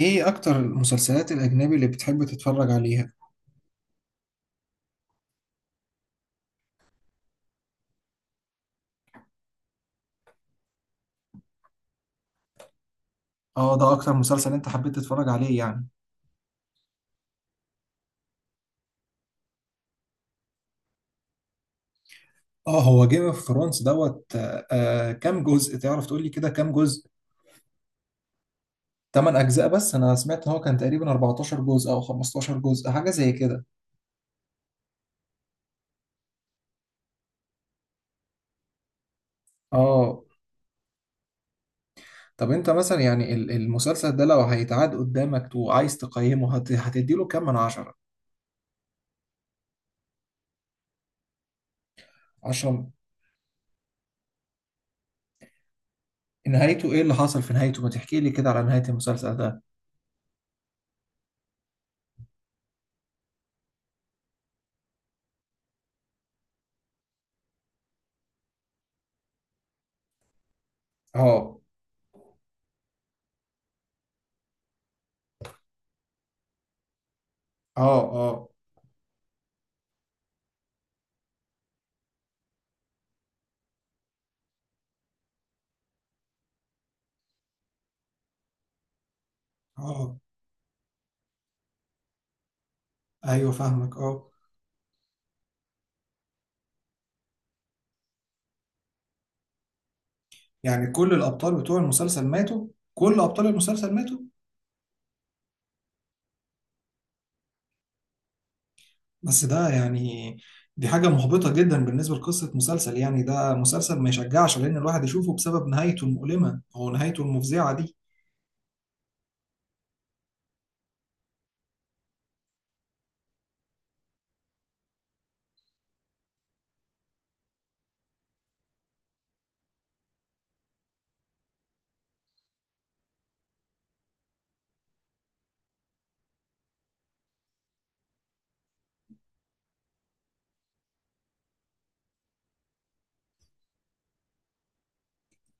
ايه اكتر المسلسلات الاجنبي اللي بتحب تتفرج عليها؟ اه، ده اكتر مسلسل انت حبيت تتفرج عليه يعني؟ اه، هو جيم اوف ثرونز دوت كام جزء؟ تعرف تقول لي كده، كام جزء؟ 8 اجزاء، بس انا سمعت ان هو كان تقريبا 14 جزء او 15 جزء، حاجه زي كده. اه، طب انت مثلا يعني المسلسل ده لو هيتعاد قدامك وعايز تقيمه هتديله كام من عشرة؟ عشرة. نهايته ايه اللي حصل في نهايته؟ ما تحكي لي كده على نهاية المسلسل ده. اه، اه، اه، اه، ايوه، فاهمك، اه. يعني كل الأبطال بتوع المسلسل ماتوا؟ كل أبطال المسلسل ماتوا؟ بس ده يعني، دي حاجة محبطة جدا بالنسبة لقصة مسلسل، يعني ده مسلسل ما يشجعش لأن الواحد يشوفه بسبب نهايته المؤلمة أو نهايته المفزعة دي.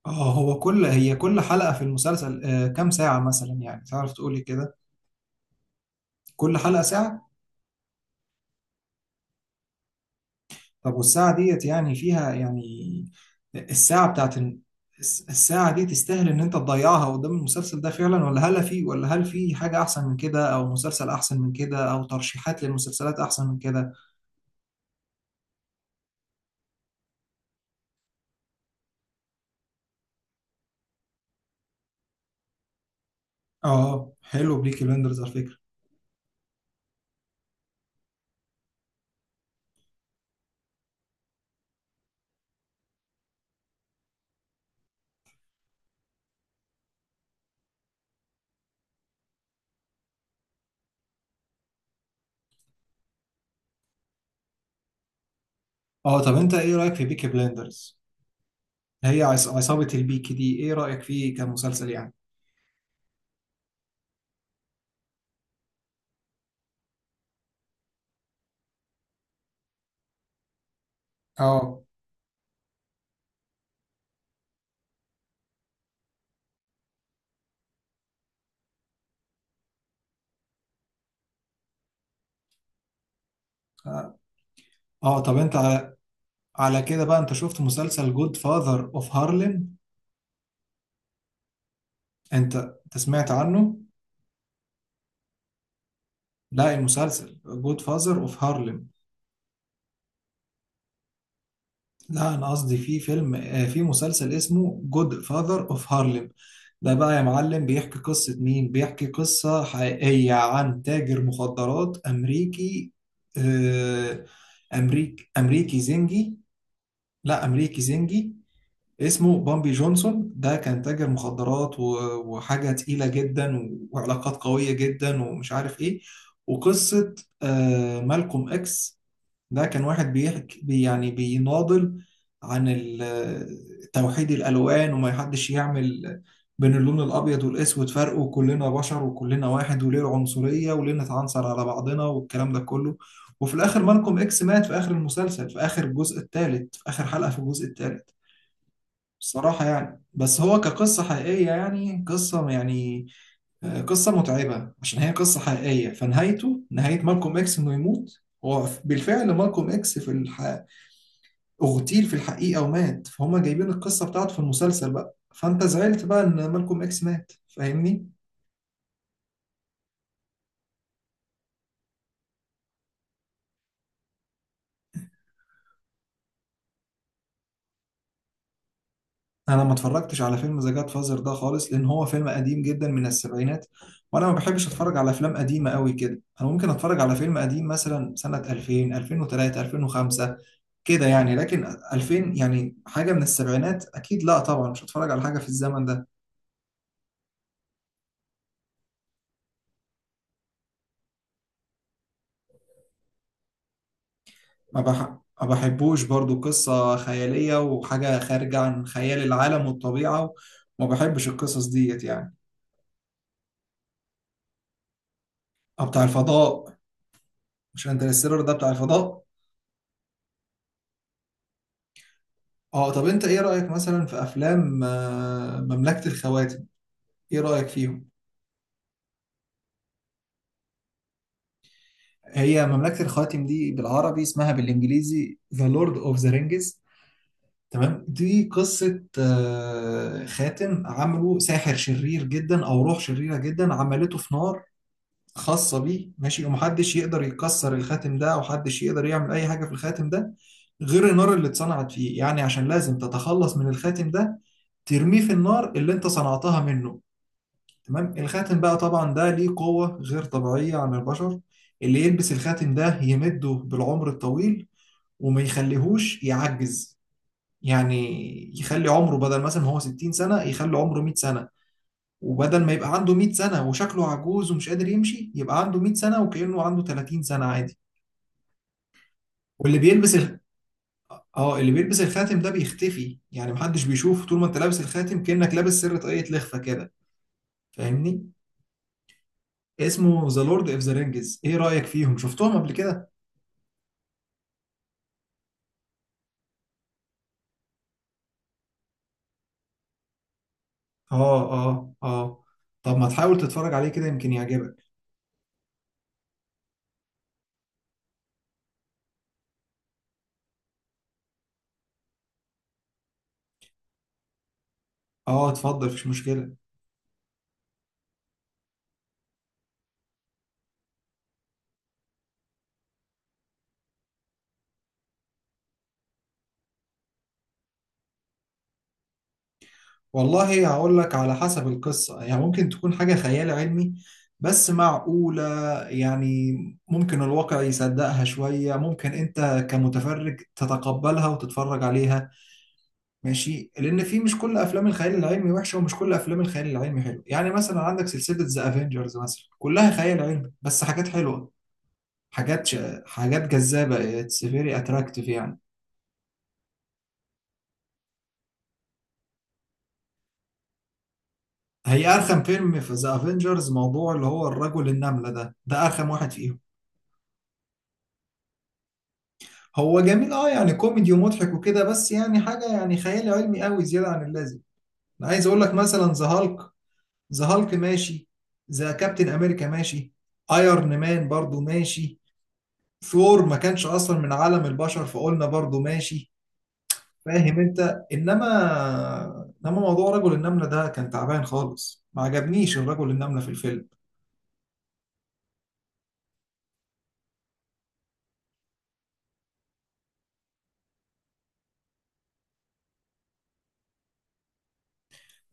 اه، هو كل هي كل حلقة في المسلسل آه كام ساعة مثلا؟ يعني تعرف تقولي كده. كل حلقة ساعة؟ طب والساعة ديت يعني فيها يعني، الساعة بتاعت، الساعة دي تستاهل إن أنت تضيعها قدام المسلسل ده فعلا؟ ولا هل في، ولا هل في حاجة أحسن من كده، أو مسلسل أحسن من كده، أو ترشيحات للمسلسلات أحسن من كده؟ آه، حلو بيكي بلندرز على فكرة. آه، طب أنت إيه رأيك في بيكي بلندرز؟ هي عصابة البيكي دي إيه رأيك فيه كمسلسل يعني؟ آه. طب أنت على، على كده بقى أنت شفت مسلسل جود فاذر أوف هارلم؟ أنت سمعت عنه؟ لا، المسلسل جود فاذر اوف هارلم. لا، انا قصدي في فيلم آه، في مسلسل اسمه جود فاذر اوف هارلم. ده بقى يا معلم بيحكي قصة مين؟ بيحكي قصة حقيقية عن تاجر مخدرات امريكي. آه، امريكي زنجي. لا، امريكي زنجي. اسمه بامبي جونسون، ده كان تاجر مخدرات وحاجة تقيلة جدا وعلاقات قوية جدا، ومش عارف ايه، وقصة آه، مالكوم اكس. ده كان واحد بيحكي يعني بيناضل عن توحيد الألوان، وما يحدش يعمل بين اللون الأبيض والأسود فرق، وكلنا بشر، وكلنا واحد، وليه العنصرية، وليه نتعنصر على بعضنا، والكلام ده كله. وفي الآخر مالكوم إكس مات في آخر المسلسل، في آخر الجزء الثالث، في آخر حلقة في الجزء الثالث. بصراحة يعني، بس هو كقصة حقيقية، يعني قصة يعني آه، قصة متعبة عشان هي قصة حقيقية، فنهايته نهاية مالكوم إكس إنه يموت. هو بالفعل مالكوم اكس اغتيل في الحقيقة ومات، فهم جايبين القصة بتاعته في المسلسل بقى، فانت زعلت بقى ان مالكوم اكس مات، فاهمني. انا ما اتفرجتش على فيلم ذا جاد فازر ده خالص لان هو فيلم قديم جدا من السبعينات، وانا ما بحبش اتفرج على افلام قديمة قوي كده. انا ممكن اتفرج على فيلم قديم مثلا سنة 2000، 2003، 2005، كده يعني، لكن 2000 يعني حاجة من السبعينات اكيد لا طبعا، مش هتفرج على حاجة في الزمن ده. ما بح... ما بحبوش برضو قصة خيالية وحاجة خارجة عن خيال العالم والطبيعة، وما بحبش القصص ديت يعني. أو بتاع الفضاء، مش انترستيلر ده بتاع الفضاء؟ اه، طب انت ايه رأيك مثلا في افلام مملكة الخواتم؟ ايه رأيك فيهم؟ هي مملكة الخواتم دي بالعربي، اسمها بالانجليزي The Lord of the Rings، تمام؟ دي قصة خاتم عمله ساحر شرير جدا او روح شريرة جدا، عملته في نار خاصة بيه، ماشي. ومحدش يقدر يكسر الخاتم ده، أو حدش يقدر يعمل أي حاجة في الخاتم ده غير النار اللي اتصنعت فيه، يعني عشان لازم تتخلص من الخاتم ده ترميه في النار اللي انت صنعتها منه، تمام؟ الخاتم بقى طبعا ده ليه قوة غير طبيعية عن البشر. اللي يلبس الخاتم ده يمده بالعمر الطويل وما يخليهوش يعجز، يعني يخلي عمره بدل مثلا هو 60 سنة يخلي عمره 100 سنة. وبدل ما يبقى عنده 100 سنة وشكله عجوز ومش قادر يمشي، يبقى عنده 100 سنة وكأنه عنده 30 سنة عادي. واللي بيلبس ال... اه، اللي بيلبس الخاتم ده بيختفي، يعني محدش بيشوفه طول ما انت لابس الخاتم، كأنك لابس سر طاقية لخفة كده، فاهمني؟ اسمه ذا لورد اوف ذا رينجز. ايه رأيك فيهم؟ شفتهم قبل كده؟ اه، اه، اه. طب ما تحاول تتفرج عليه كده، يمكن يعجبك. اه، اتفضل، مفيش مشكلة. والله هقول لك على حسب القصة، يعني ممكن تكون حاجة خيال علمي بس معقولة، يعني ممكن الواقع يصدقها شوية، ممكن انت كمتفرج تتقبلها وتتفرج عليها، ماشي. لان في، مش كل افلام الخيال العلمي وحشة، ومش كل افلام الخيال العلمي حلو، يعني مثلا عندك سلسلة ذا افنجرز مثلا كلها خيال علمي بس حاجات حلوة، حاجات ش... حاجات جذابة، اتس فيري اتراكتيف يعني. هي ارخم فيلم في ذا افنجرز موضوع اللي هو الرجل النملة ده ارخم واحد فيهم. هو جميل اه، يعني كوميدي ومضحك وكده، بس يعني حاجه يعني خيال علمي قوي زياده عن اللازم. انا عايز اقول لك مثلا ذا هالك، ذا هالك ماشي، ذا كابتن امريكا ماشي، ايرون مان برضو ماشي، ثور ما كانش اصلا من عالم البشر فقلنا برضو ماشي، فاهم انت؟ انما، انما موضوع رجل النمله ده كان تعبان خالص، ما عجبنيش الرجل النمله في الفيلم.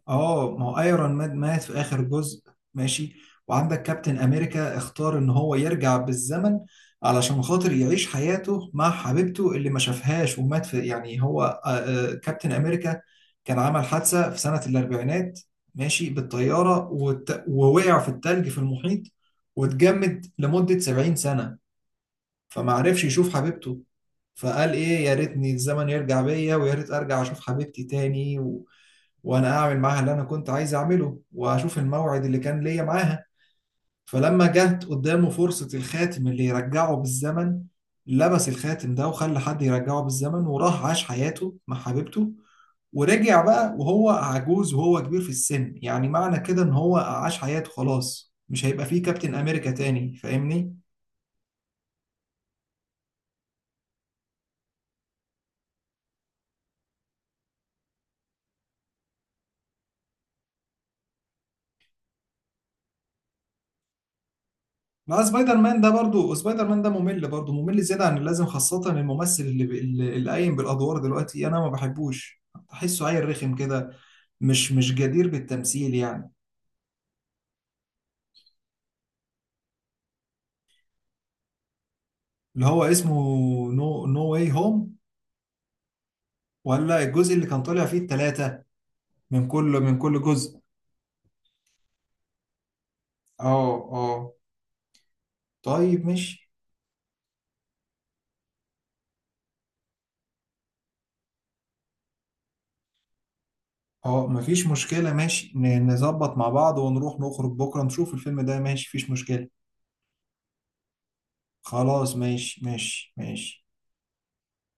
اه، ما هو ايرون مان مات في اخر جزء، ماشي. وعندك كابتن امريكا اختار ان هو يرجع بالزمن علشان خاطر يعيش حياته مع حبيبته اللي ما شافهاش، ومات في، يعني هو كابتن امريكا كان عمل حادثة في سنة الاربعينات، ماشي، بالطيارة ووقع في التلج في المحيط واتجمد لمدة 70 سنة، فما عرفش يشوف حبيبته. فقال ايه، يا ريتني الزمن يرجع بيا، ويا ريت ارجع اشوف حبيبتي تاني، وانا اعمل معاها اللي انا كنت عايز اعمله، واشوف الموعد اللي كان ليا معاها. فلما جت قدامه فرصة الخاتم اللي يرجعه بالزمن، لبس الخاتم ده وخلى حد يرجعه بالزمن، وراح عاش حياته مع حبيبته، ورجع بقى وهو عجوز وهو كبير في السن. يعني معنى كده ان هو عاش حياته خلاص، مش هيبقى فيه كابتن امريكا تاني، فاهمني؟ ما سبايدر مان ده برضو، سبايدر مان ده ممل برضو، ممل زيادة عن اللازم، خاصة الممثل اللي قايم بالأدوار دلوقتي، أنا ما بحبوش، أحسه عيل رخم كده، مش جدير بالتمثيل يعني. اللي هو اسمه نو واي هوم، ولا الجزء اللي كان طالع فيه التلاتة من كل جزء؟ اه، اه، طيب ماشي. اه، مفيش مشكلة، ماشي، نظبط مع بعض ونروح نخرج بكرة نشوف الفيلم ده، ماشي، مفيش مشكلة. خلاص، ماشي، ماشي، ماشي.